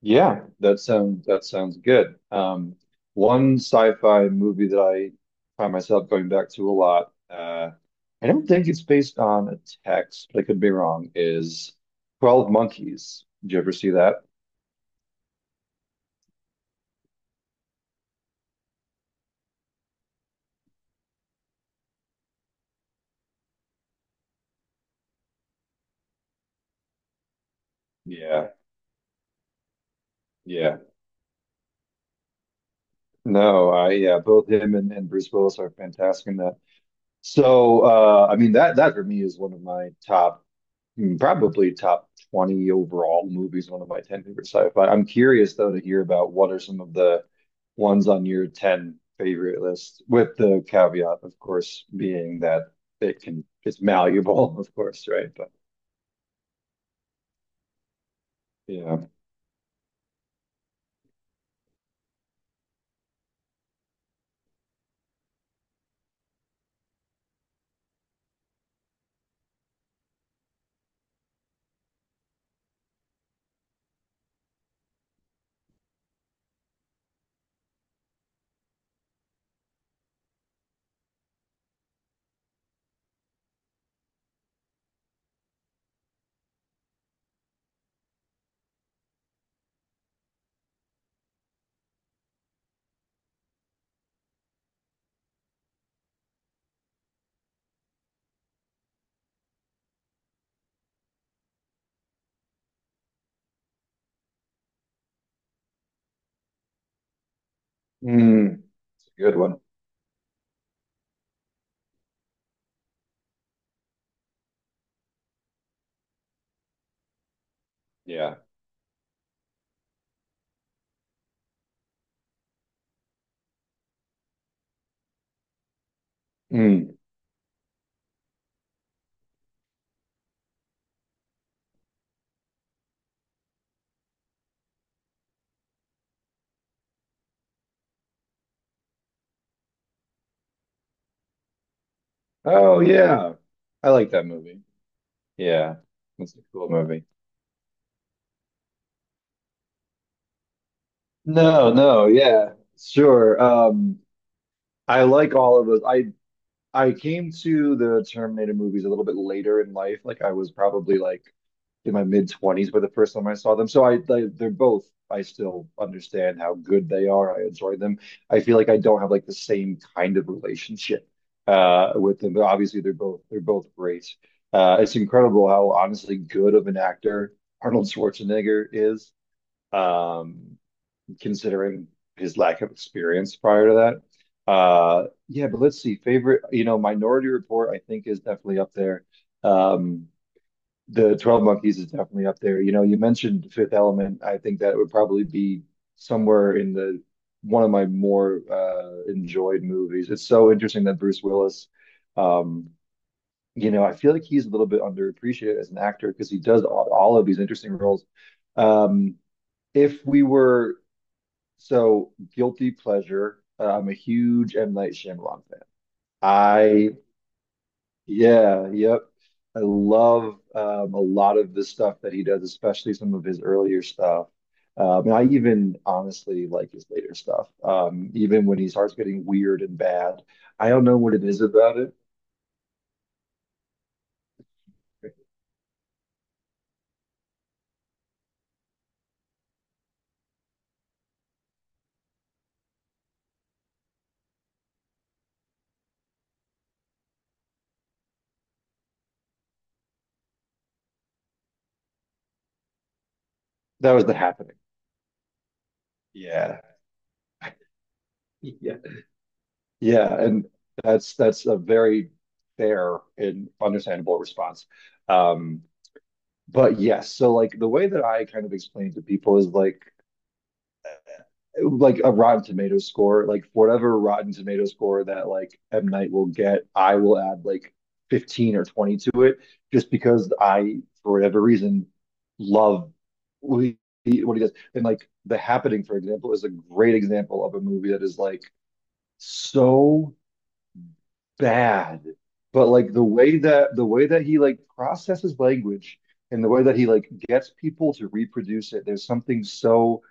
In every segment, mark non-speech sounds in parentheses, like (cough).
Yeah, that sounds good. One sci-fi movie that I find myself going back to a lot, I don't think it's based on a text, but I could be wrong, is 12 Monkeys. Did you ever see that? Yeah, yeah. No, I yeah, both him and, Bruce Willis are fantastic in that. So I mean that for me is one of my top, mm, probably top 20 overall movies, one of my 10 favorite sci-fi. I'm curious though to hear about what are some of the ones on your 10 favorite list, with the caveat, of course, being that it's malleable, (laughs) of course, right? But yeah. Mm, it's a good one. Yeah. Mm. Oh yeah. I like that movie. Yeah. It's a cool movie. No, no, yeah. Sure. I like all of those. I came to the Terminator movies a little bit later in life. Like I was probably like in my mid twenties by the first time I saw them. So I they, they're both. I still understand how good they are. I enjoy them. I feel like I don't have like the same kind of relationship with them, but obviously they're both great. It's incredible how honestly good of an actor Arnold Schwarzenegger is. Um, considering his lack of experience prior to that. Yeah, but let's see. Favorite, you know, Minority Report, I think, is definitely up there. Um, the 12 Monkeys is definitely up there. You know, you mentioned Fifth Element. I think that would probably be somewhere in the one of my more enjoyed movies. It's so interesting that Bruce Willis, um, you know, I feel like he's a little bit underappreciated as an actor because he does all of these interesting roles. Um, if we were so guilty pleasure. I'm a huge M. Night Shyamalan fan. I yeah, yep. I love a lot of the stuff that he does, especially some of his earlier stuff. And I even honestly like his later stuff. Even when he starts getting weird and bad, I don't know what it is about it. That was The Happening. Yeah, yeah, yeah. And that's a very fair and understandable response. Um, But yes, so like the way that I kind of explain to people is like a Rotten Tomatoes score, like for whatever Rotten Tomatoes score that like M. Night will get, I will add like 15 or 20 to it just because I, for whatever reason, love what what he does. And like The Happening, for example, is a great example of a movie that is like so bad. But like the way that he like processes language and the way that he like gets people to reproduce it, there's something so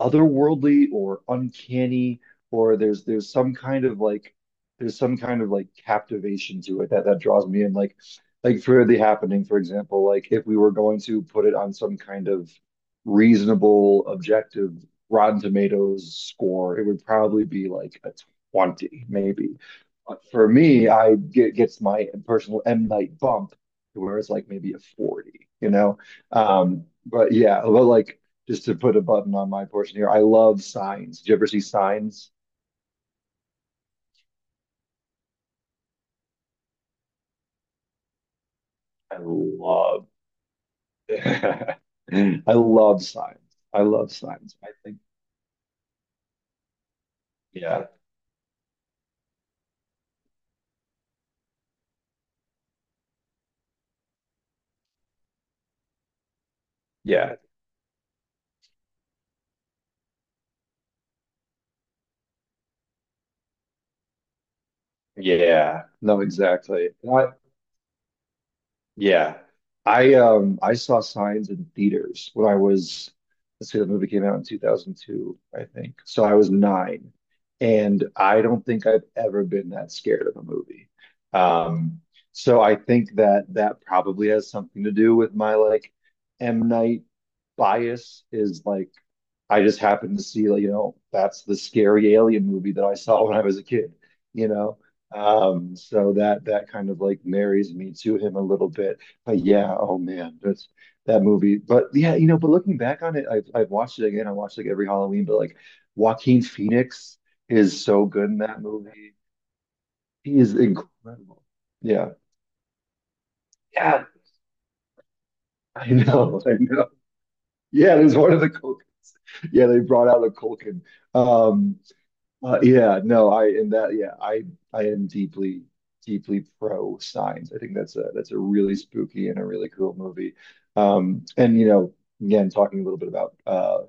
otherworldly or uncanny or there's some kind of like, there's some kind of like captivation to it that draws me in. Like for the happening for example, like if we were going to put it on some kind of reasonable objective Rotten Tomatoes score, it would probably be like a 20 maybe. But for me I get gets my personal M Night bump to where it's like maybe a 40, you know. But yeah, but like just to put a button on my portion here, I love signs. Did you ever see signs? I love, (laughs) I love signs. I love signs. I think, yeah, yeah, yeah. No, exactly. Yeah. I saw Signs in theaters when I was, let's see, the movie came out in 2002, I think. So I was nine. And I don't think I've ever been that scared of a movie. Um so I think that that probably has something to do with my like M. Night bias is like, I just happened to see, like, you know, that's the scary alien movie that I saw when I was a kid, you know? So that that kind of like marries me to him a little bit. But yeah, oh man, that movie. But yeah, you know, but looking back on it, I've watched it again. I watched like every Halloween, but like Joaquin Phoenix is so good in that movie. He is incredible. Yeah. Yeah, I know, I know. Yeah, there's one of the yeah, they brought out a Culkin. Um, yeah, no, I and that yeah, I am deeply, deeply pro signs. I think that's a really spooky and a really cool movie. And you know, again, talking a little bit about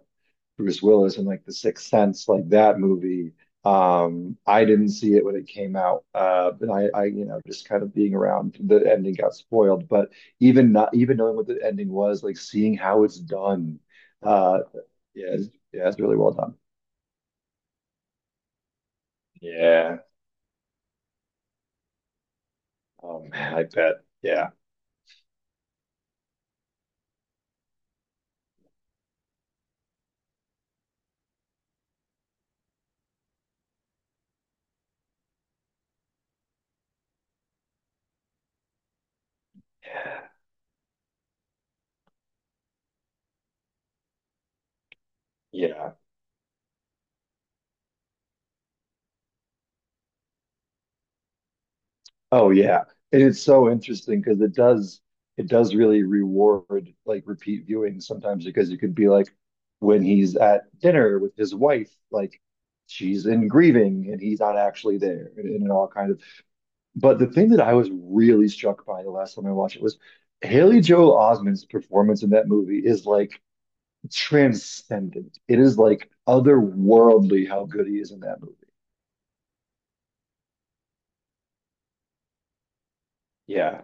Bruce Willis and like The Sixth Sense, like that movie. I didn't see it when it came out, but I, you know, just kind of being around, the ending got spoiled. But even not even knowing what the ending was, like seeing how it's done, uh, yeah, it's really well done. Yeah. Oh man, I bet. Yeah. Yeah. Oh yeah. And it's so interesting because it does really reward like repeat viewing sometimes because it could be like when he's at dinner with his wife, like she's in grieving and he's not actually there and all kind of, but the thing that I was really struck by the last time I watched it was Haley Joel Osment's performance in that movie is like transcendent. It is like otherworldly how good he is in that movie. Yeah.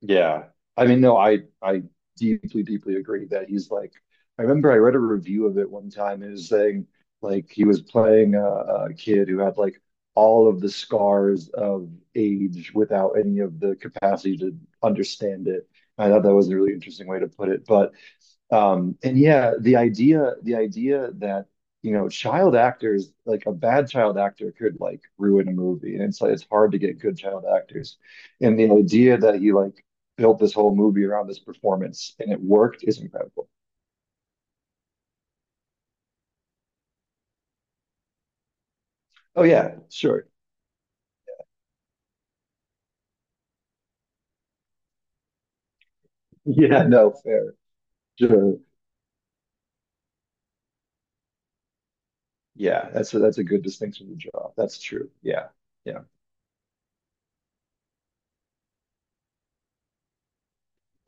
Yeah. I mean, no, I deeply, deeply agree that he's like, I remember I read a review of it one time and it was saying like he was playing a kid who had like all of the scars of age without any of the capacity to understand it. I thought that was a really interesting way to put it. But and yeah, the idea that, you know, child actors, like a bad child actor could like ruin a movie. And it's like it's hard to get good child actors. And the idea that he like built this whole movie around this performance and it worked is incredible. Oh yeah, sure. Yeah, (laughs) no, fair. Sure. Yeah, that's a good distinction to draw. That's true. Yeah. Yeah.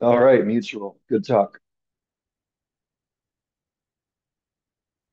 All right, mutual. Good talk.